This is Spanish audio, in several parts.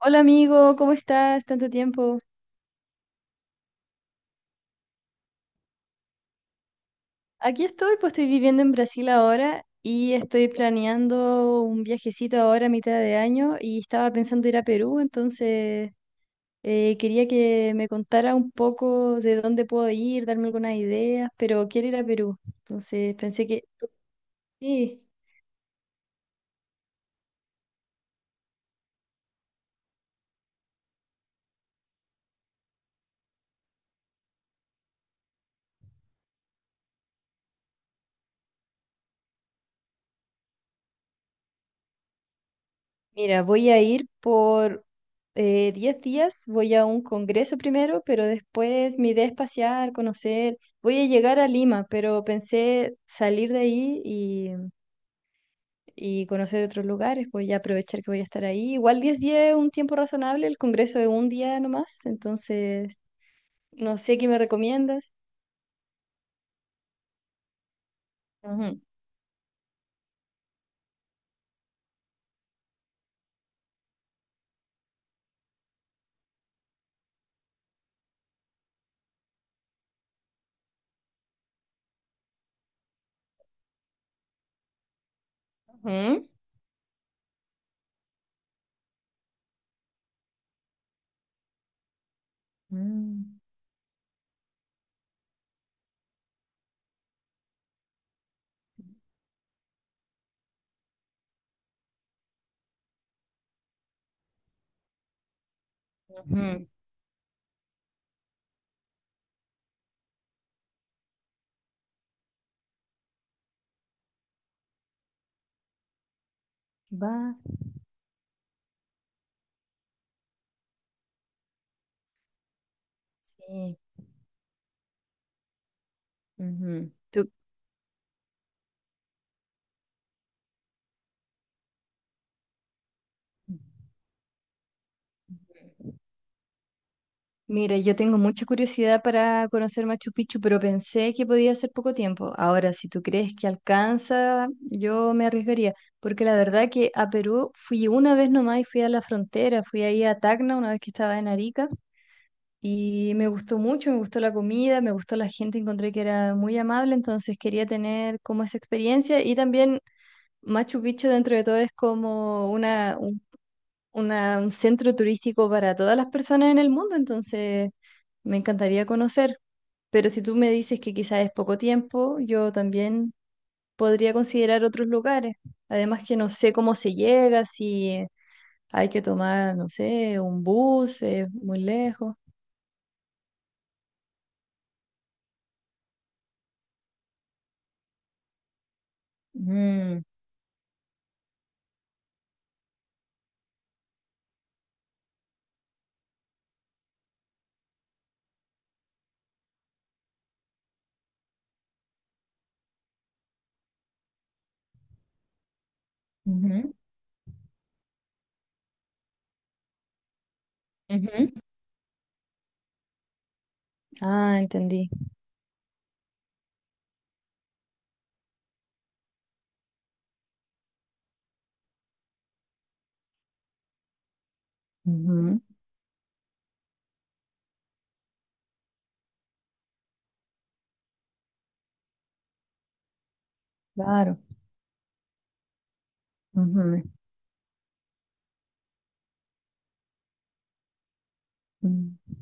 Hola amigo, ¿cómo estás? Tanto tiempo. Aquí estoy, pues estoy viviendo en Brasil ahora y estoy planeando un viajecito ahora a mitad de año y estaba pensando ir a Perú, entonces quería que me contara un poco de dónde puedo ir, darme algunas ideas, pero quiero ir a Perú. Entonces pensé que sí. Mira, voy a ir por 10 días, voy a un congreso primero, pero después mi idea es pasear, conocer. Voy a llegar a Lima, pero pensé salir de ahí y conocer otros lugares, voy a aprovechar que voy a estar ahí. Igual 10 días es un tiempo razonable, el congreso es un día nomás, entonces no sé qué me recomiendas. Ujú, ujú, mm, ujú. Va. Sí. Ujú. ¿Tú? Mira, yo tengo mucha curiosidad para conocer Machu Picchu, pero pensé que podía ser poco tiempo. Ahora, si tú crees que alcanza, yo me arriesgaría, porque la verdad que a Perú fui una vez nomás y fui a la frontera, fui ahí a Tacna una vez que estaba en Arica y me gustó mucho, me gustó la comida, me gustó la gente, encontré que era muy amable, entonces quería tener como esa experiencia y también Machu Picchu dentro de todo es como una un centro turístico para todas las personas en el mundo, entonces me encantaría conocer. Pero si tú me dices que quizás es poco tiempo, yo también podría considerar otros lugares. Además que no sé cómo se llega, si hay que tomar, no sé, un bus, es muy lejos. Mm, ujú, ujú. Ah, entendí. Ujú, claro. Ujú, mm,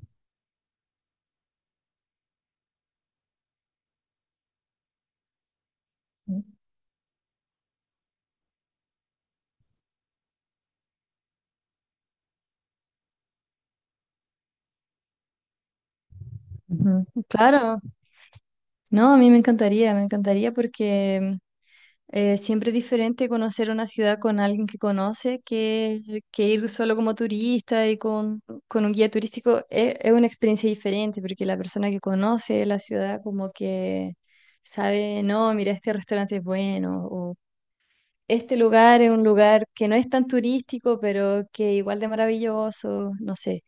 ujú. Claro, no, a mí me encantaría porque siempre es diferente conocer una ciudad con alguien que conoce que ir solo como turista y con un guía turístico. Es una experiencia diferente porque la persona que conoce la ciudad como que sabe, no, mira, este restaurante es bueno o este lugar es un lugar que no es tan turístico, pero que igual de maravilloso, no sé.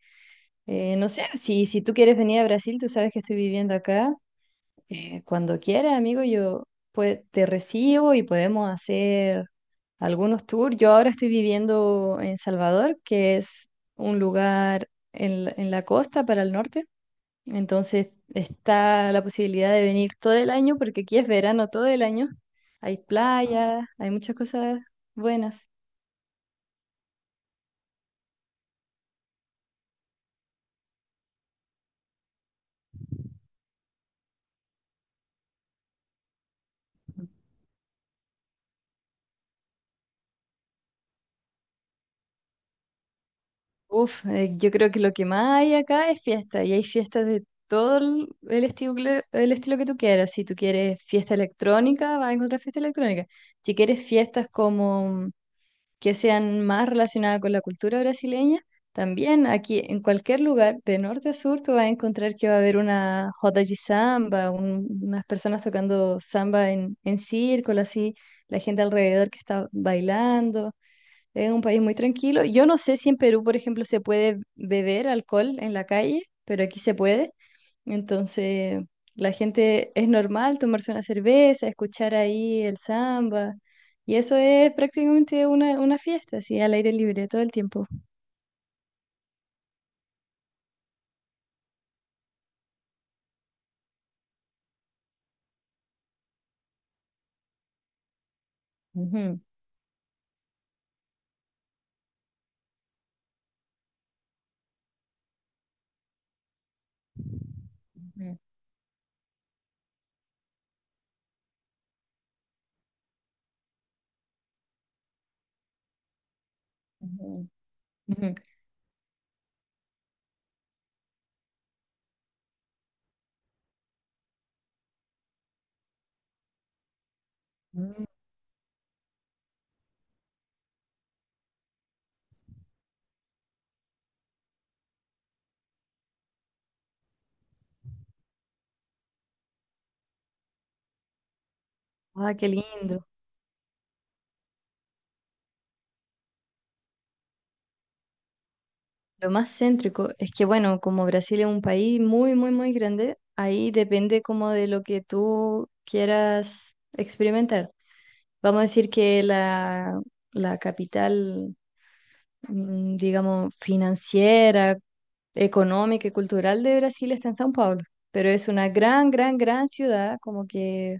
No sé, si tú quieres venir a Brasil, tú sabes que estoy viviendo acá. Cuando quieras, amigo, yo pues, te recibo y podemos hacer algunos tours. Yo ahora estoy viviendo en Salvador, que es un lugar en, en la costa para el norte. Entonces está la posibilidad de venir todo el año, porque aquí es verano todo el año. Hay playas, hay muchas cosas buenas. Uf, yo creo que lo que más hay acá es fiesta, y hay fiestas de todo el estilo, el estilo que tú quieras. Si tú quieres fiesta electrónica, vas a encontrar fiesta electrónica. Si quieres fiestas como que sean más relacionadas con la cultura brasileña. También aquí en cualquier lugar, de norte a sur, tú vas a encontrar que va a haber una roda de samba, unas personas tocando samba en círculo, así, la gente alrededor que está bailando. Es un país muy tranquilo. Yo no sé si en Perú, por ejemplo, se puede beber alcohol en la calle, pero aquí se puede. Entonces, la gente es normal tomarse una cerveza, escuchar ahí el samba, y eso es prácticamente una fiesta, así al aire libre todo el tiempo. Ujú, ujú, ujú, ujú. Mm. Ah, qué lindo. Lo más céntrico es que, bueno, como Brasil es un país muy, muy, muy grande, ahí depende como de lo que tú quieras experimentar. Vamos a decir que la capital, mm, digamos, financiera, económica y cultural de Brasil está en São Paulo, pero es una gran, gran, gran ciudad, como que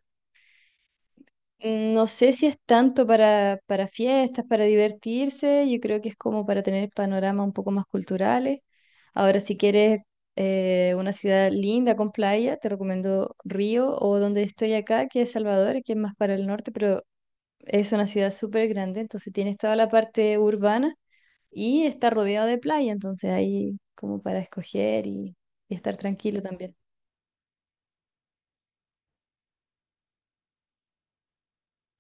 mm, no sé si es tanto para fiestas, para divertirse, yo creo que es como para tener panoramas un poco más culturales. Ahora, si quieres una ciudad linda con playa, te recomiendo Río o donde estoy acá, que es Salvador, que es más para el norte, pero es una ciudad súper grande, entonces tienes toda la parte urbana y está rodeado de playa, entonces ahí como para escoger y estar tranquilo también.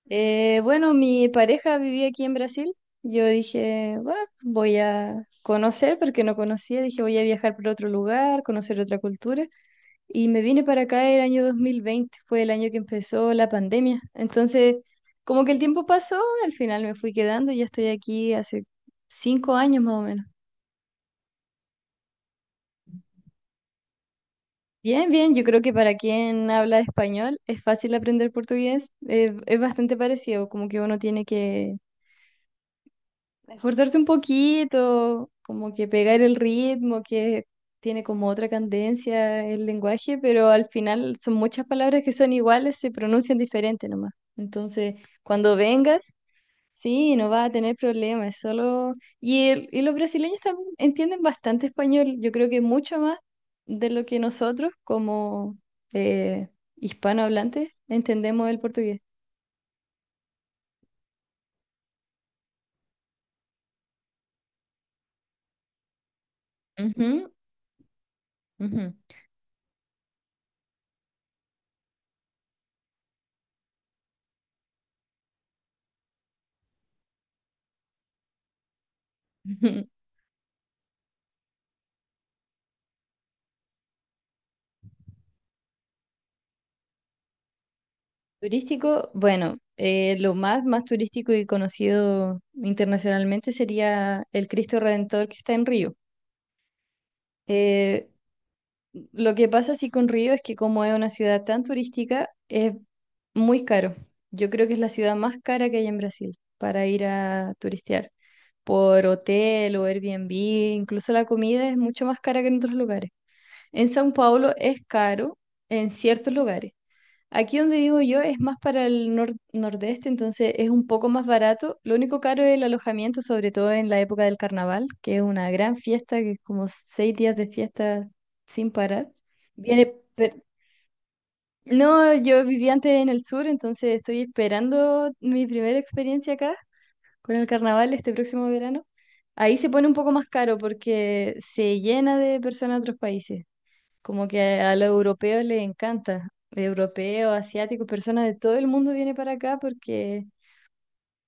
Bueno, mi pareja vivía aquí en Brasil. Yo dije, "Bah, voy a conocer porque no conocía. Dije, voy a viajar por otro lugar, conocer otra cultura. Y me vine para acá el año 2020, fue el año que empezó la pandemia. Entonces, como que el tiempo pasó, al final me fui quedando y ya estoy aquí hace 5 años más o menos. Bien, bien, yo creo que para quien habla español es fácil aprender portugués, es bastante parecido, como que uno tiene que esforzarse un poquito, como que pegar el ritmo, que tiene como otra cadencia el lenguaje, pero al final son muchas palabras que son iguales, se pronuncian diferente nomás. Entonces, cuando vengas, sí, no va a tener problemas, solo... y los brasileños también entienden bastante español, yo creo que mucho más de lo que nosotros como eh, hispanohablantes entendemos el portugués. Ujú, ujú. Turístico, bueno, lo más, más turístico y conocido internacionalmente sería el Cristo Redentor que está en Río. Eh, Lo que pasa así con Río es que como es una ciudad tan turística, es muy caro. Yo creo que es la ciudad más cara que hay en Brasil para ir a turistear. Por hotel o Airbnb, incluso la comida es mucho más cara que en otros lugares. En São Paulo es caro en ciertos lugares. Aquí donde vivo yo es más para el nordeste, entonces es un poco más barato. Lo único caro es el alojamiento, sobre todo en la época del carnaval, que es una gran fiesta, que es como 6 días de fiesta sin parar. Viene, per- no, yo vivía antes en el sur, entonces estoy esperando mi primera experiencia acá con el carnaval este próximo verano. Ahí se pone un poco más caro porque se llena de personas de otros países. Como que a los europeos les encanta. Europeos, asiáticos, personas de todo el mundo vienen para acá porque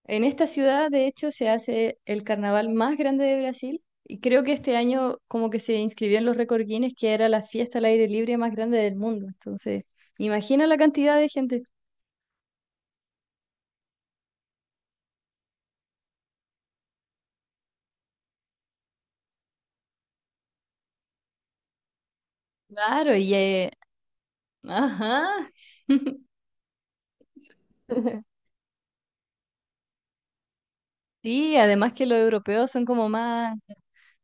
en esta ciudad, de hecho, se hace el carnaval más grande de Brasil. Y creo que este año como que se inscribió en los récord Guinness, que era la fiesta al aire libre más grande del mundo. Entonces, imagina la cantidad de gente. Claro, y... ajá. Sí, además que los europeos son como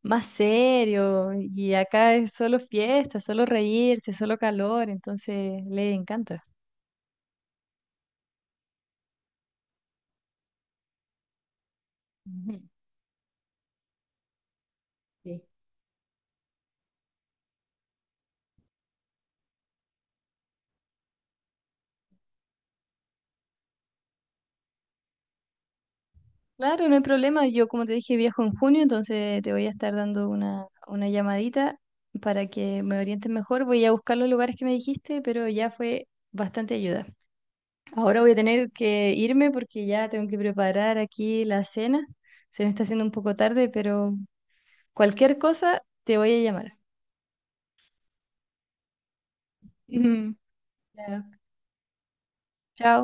más serio y acá es solo fiesta, solo reírse, solo calor, entonces le encanta. Ujú, sí. Claro, no hay problema. Yo, como te dije, viajo en junio, entonces te voy a estar dando una llamadita para que me orientes mejor. Voy a buscar los lugares que me dijiste, pero ya fue bastante ayuda. Ahora voy a tener que irme porque ya tengo que preparar aquí la cena. Se me está haciendo un poco tarde, pero cualquier cosa te voy a llamar. Ujú. Ya. Chao.